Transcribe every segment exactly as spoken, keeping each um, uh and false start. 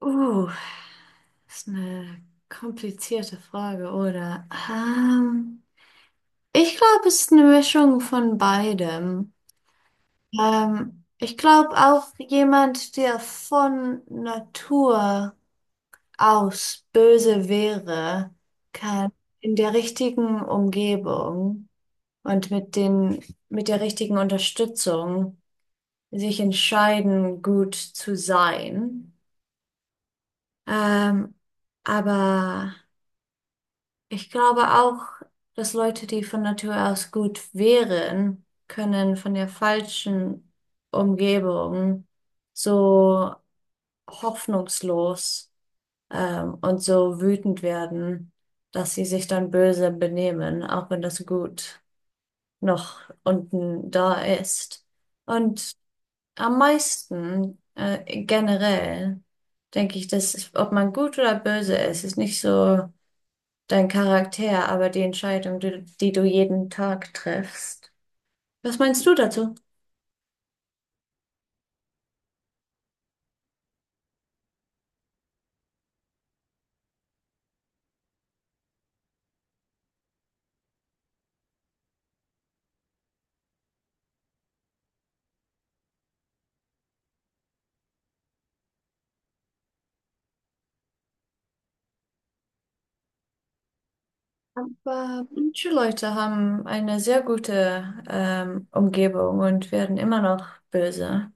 Uh, Das ist eine komplizierte Frage, oder? Ähm, ich glaube, es ist eine Mischung von beidem. Ähm, ich glaube auch, jemand, der von Natur aus böse wäre, kann in der richtigen Umgebung und mit den, mit der richtigen Unterstützung sich entscheiden, gut zu sein. Ähm, aber ich glaube auch, dass Leute, die von Natur aus gut wären, können von der falschen Umgebung so hoffnungslos ähm, und so wütend werden, dass sie sich dann böse benehmen, auch wenn das Gut noch unten da ist. Und am meisten äh, generell denke ich, dass ob man gut oder böse ist, ist nicht so dein Charakter, aber die Entscheidung, die, die du jeden Tag triffst. Was meinst du dazu? Aber manche Leute haben eine sehr gute ähm, Umgebung und werden immer noch böse.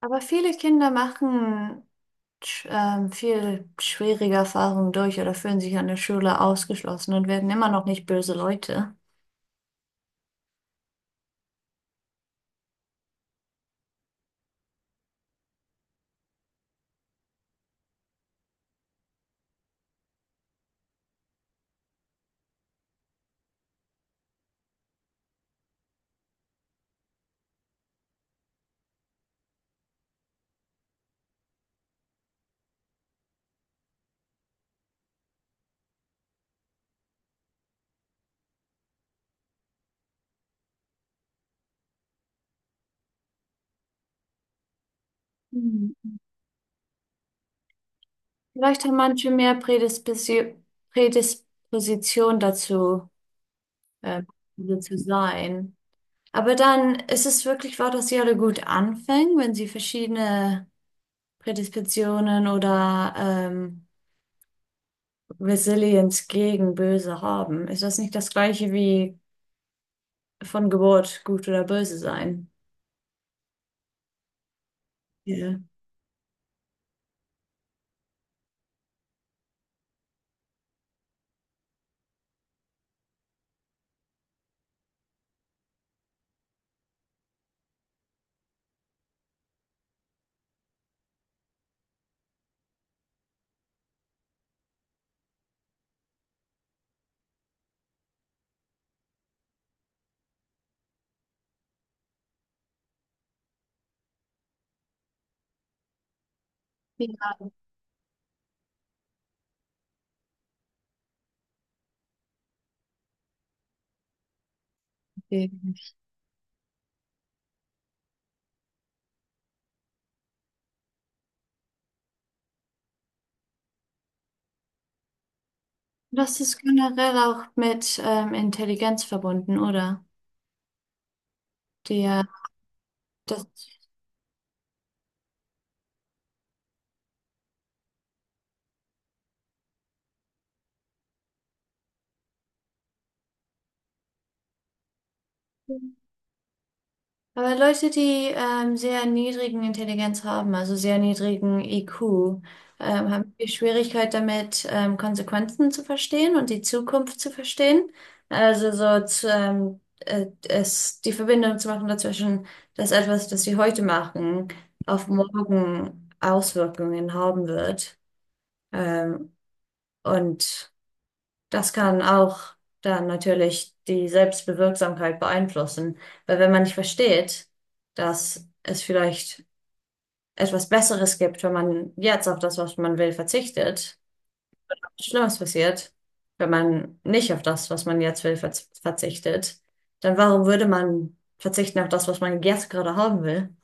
Aber viele Kinder machen sch- ähm, viel schwierige Erfahrungen durch oder fühlen sich an der Schule ausgeschlossen und werden immer noch nicht böse Leute. Hm. Vielleicht haben manche mehr Prädispisi- Prädisposition dazu, äh, böse zu sein. Aber dann ist es wirklich wahr, dass sie alle gut anfangen, wenn sie verschiedene Prädispositionen oder ähm, Resilienz gegen Böse haben. Ist das nicht das gleiche wie von Geburt gut oder böse sein? Ja. Ja. Okay. Das ist generell auch mit ähm, Intelligenz verbunden, oder? Die, ja, das. Aber Leute, die ähm, sehr niedrigen Intelligenz haben, also sehr niedrigen I Q, ähm, haben viel Schwierigkeit damit, ähm, Konsequenzen zu verstehen und die Zukunft zu verstehen. Also so zu, ähm, äh, es, die Verbindung zu machen dazwischen, dass etwas, das sie heute machen, auf morgen Auswirkungen haben wird. Ähm, und das kann auch dann natürlich die Selbstbewirksamkeit beeinflussen, weil wenn man nicht versteht, dass es vielleicht etwas Besseres gibt, wenn man jetzt auf das, was man will, verzichtet, Schlimmes passiert, wenn man nicht auf das, was man jetzt will, verz verzichtet, dann warum würde man verzichten auf das, was man jetzt gerade haben will?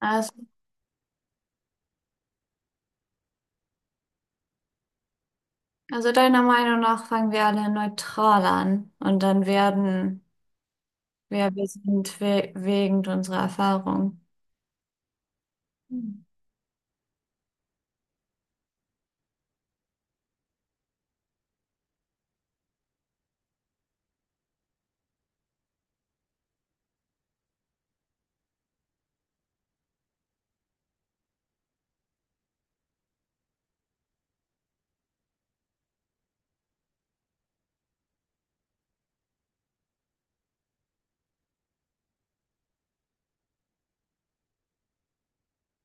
Also, also deiner Meinung nach fangen wir alle neutral an und dann werden wir, wir sind we wegen unserer Erfahrung.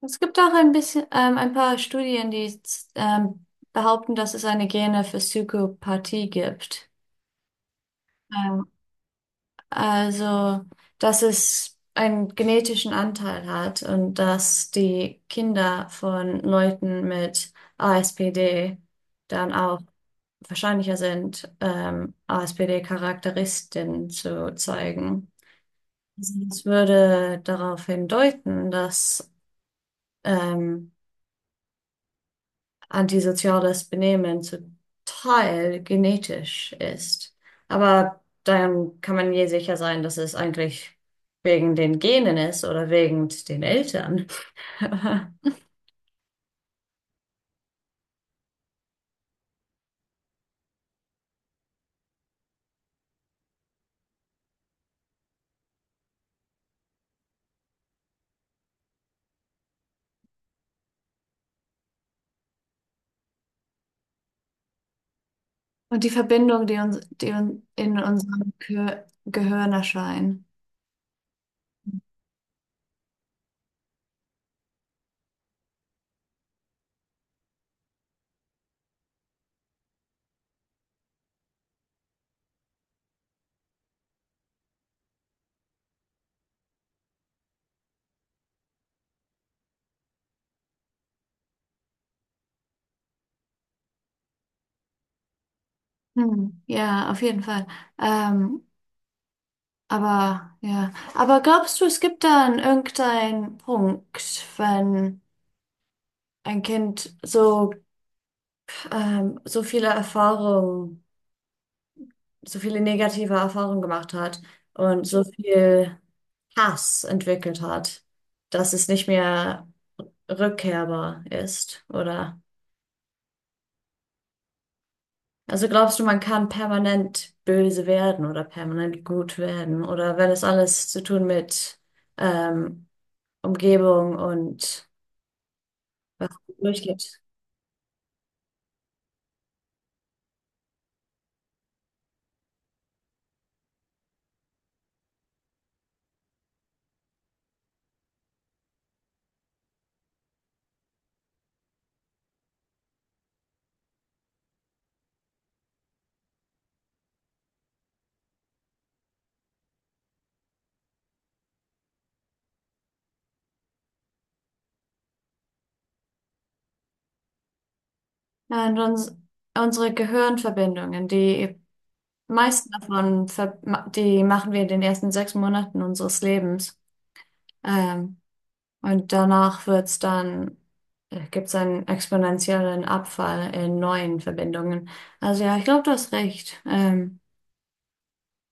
Es gibt auch ein bisschen, ähm, ein paar Studien, die ähm, behaupten, dass es eine Gene für Psychopathie gibt. Ähm, also, Dass es einen genetischen Anteil hat und dass die Kinder von Leuten mit A S P D dann auch wahrscheinlicher sind, ähm, A S P D-Charakteristiken zu zeigen. Also, das würde darauf hindeuten, dass ähm, antisoziales Benehmen zum Teil genetisch ist. Aber dann kann man je sicher sein, dass es eigentlich wegen den Genen ist oder wegen den Eltern. Und die Verbindung, die uns, die uns in unserem Gehir- Gehirn erscheint. Hm, ja, auf jeden Fall. Ähm, aber ja, aber glaubst du, es gibt dann irgendeinen Punkt, wenn ein Kind so ähm, so viele Erfahrungen, so viele negative Erfahrungen gemacht hat und so viel Hass entwickelt hat, dass es nicht mehr rückkehrbar ist, oder? Also glaubst du, man kann permanent böse werden oder permanent gut werden oder wenn es alles zu tun mit ähm, Umgebung und was durchgeht. Ja, und uns, unsere Gehirnverbindungen, die meisten davon, ver ma- die machen wir in den ersten sechs Monaten unseres Lebens. Ähm, und danach wird's dann, gibt es einen exponentiellen Abfall in neuen Verbindungen. Also ja, ich glaube, du hast recht. Ähm,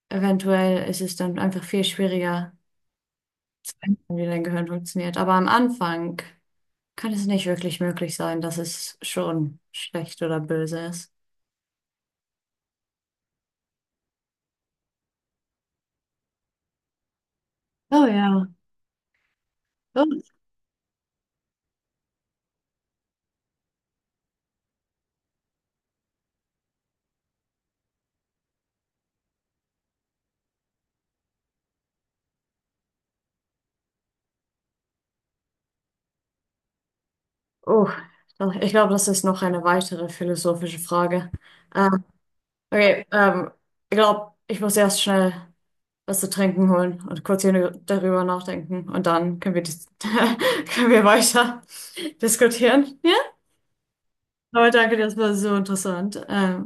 Eventuell ist es dann einfach viel schwieriger, wie dein Gehirn funktioniert. Aber am Anfang kann es nicht wirklich möglich sein, dass es schon schlecht oder böse ist. Oh ja. Oh. Oh, ich glaube, das ist noch eine weitere philosophische Frage. Äh, okay, ähm, ich glaube, ich muss erst schnell was zu trinken holen und kurz hier darüber nachdenken und dann können wir, dis- können wir weiter diskutieren. Ja? Aber danke, das war so interessant. Ähm,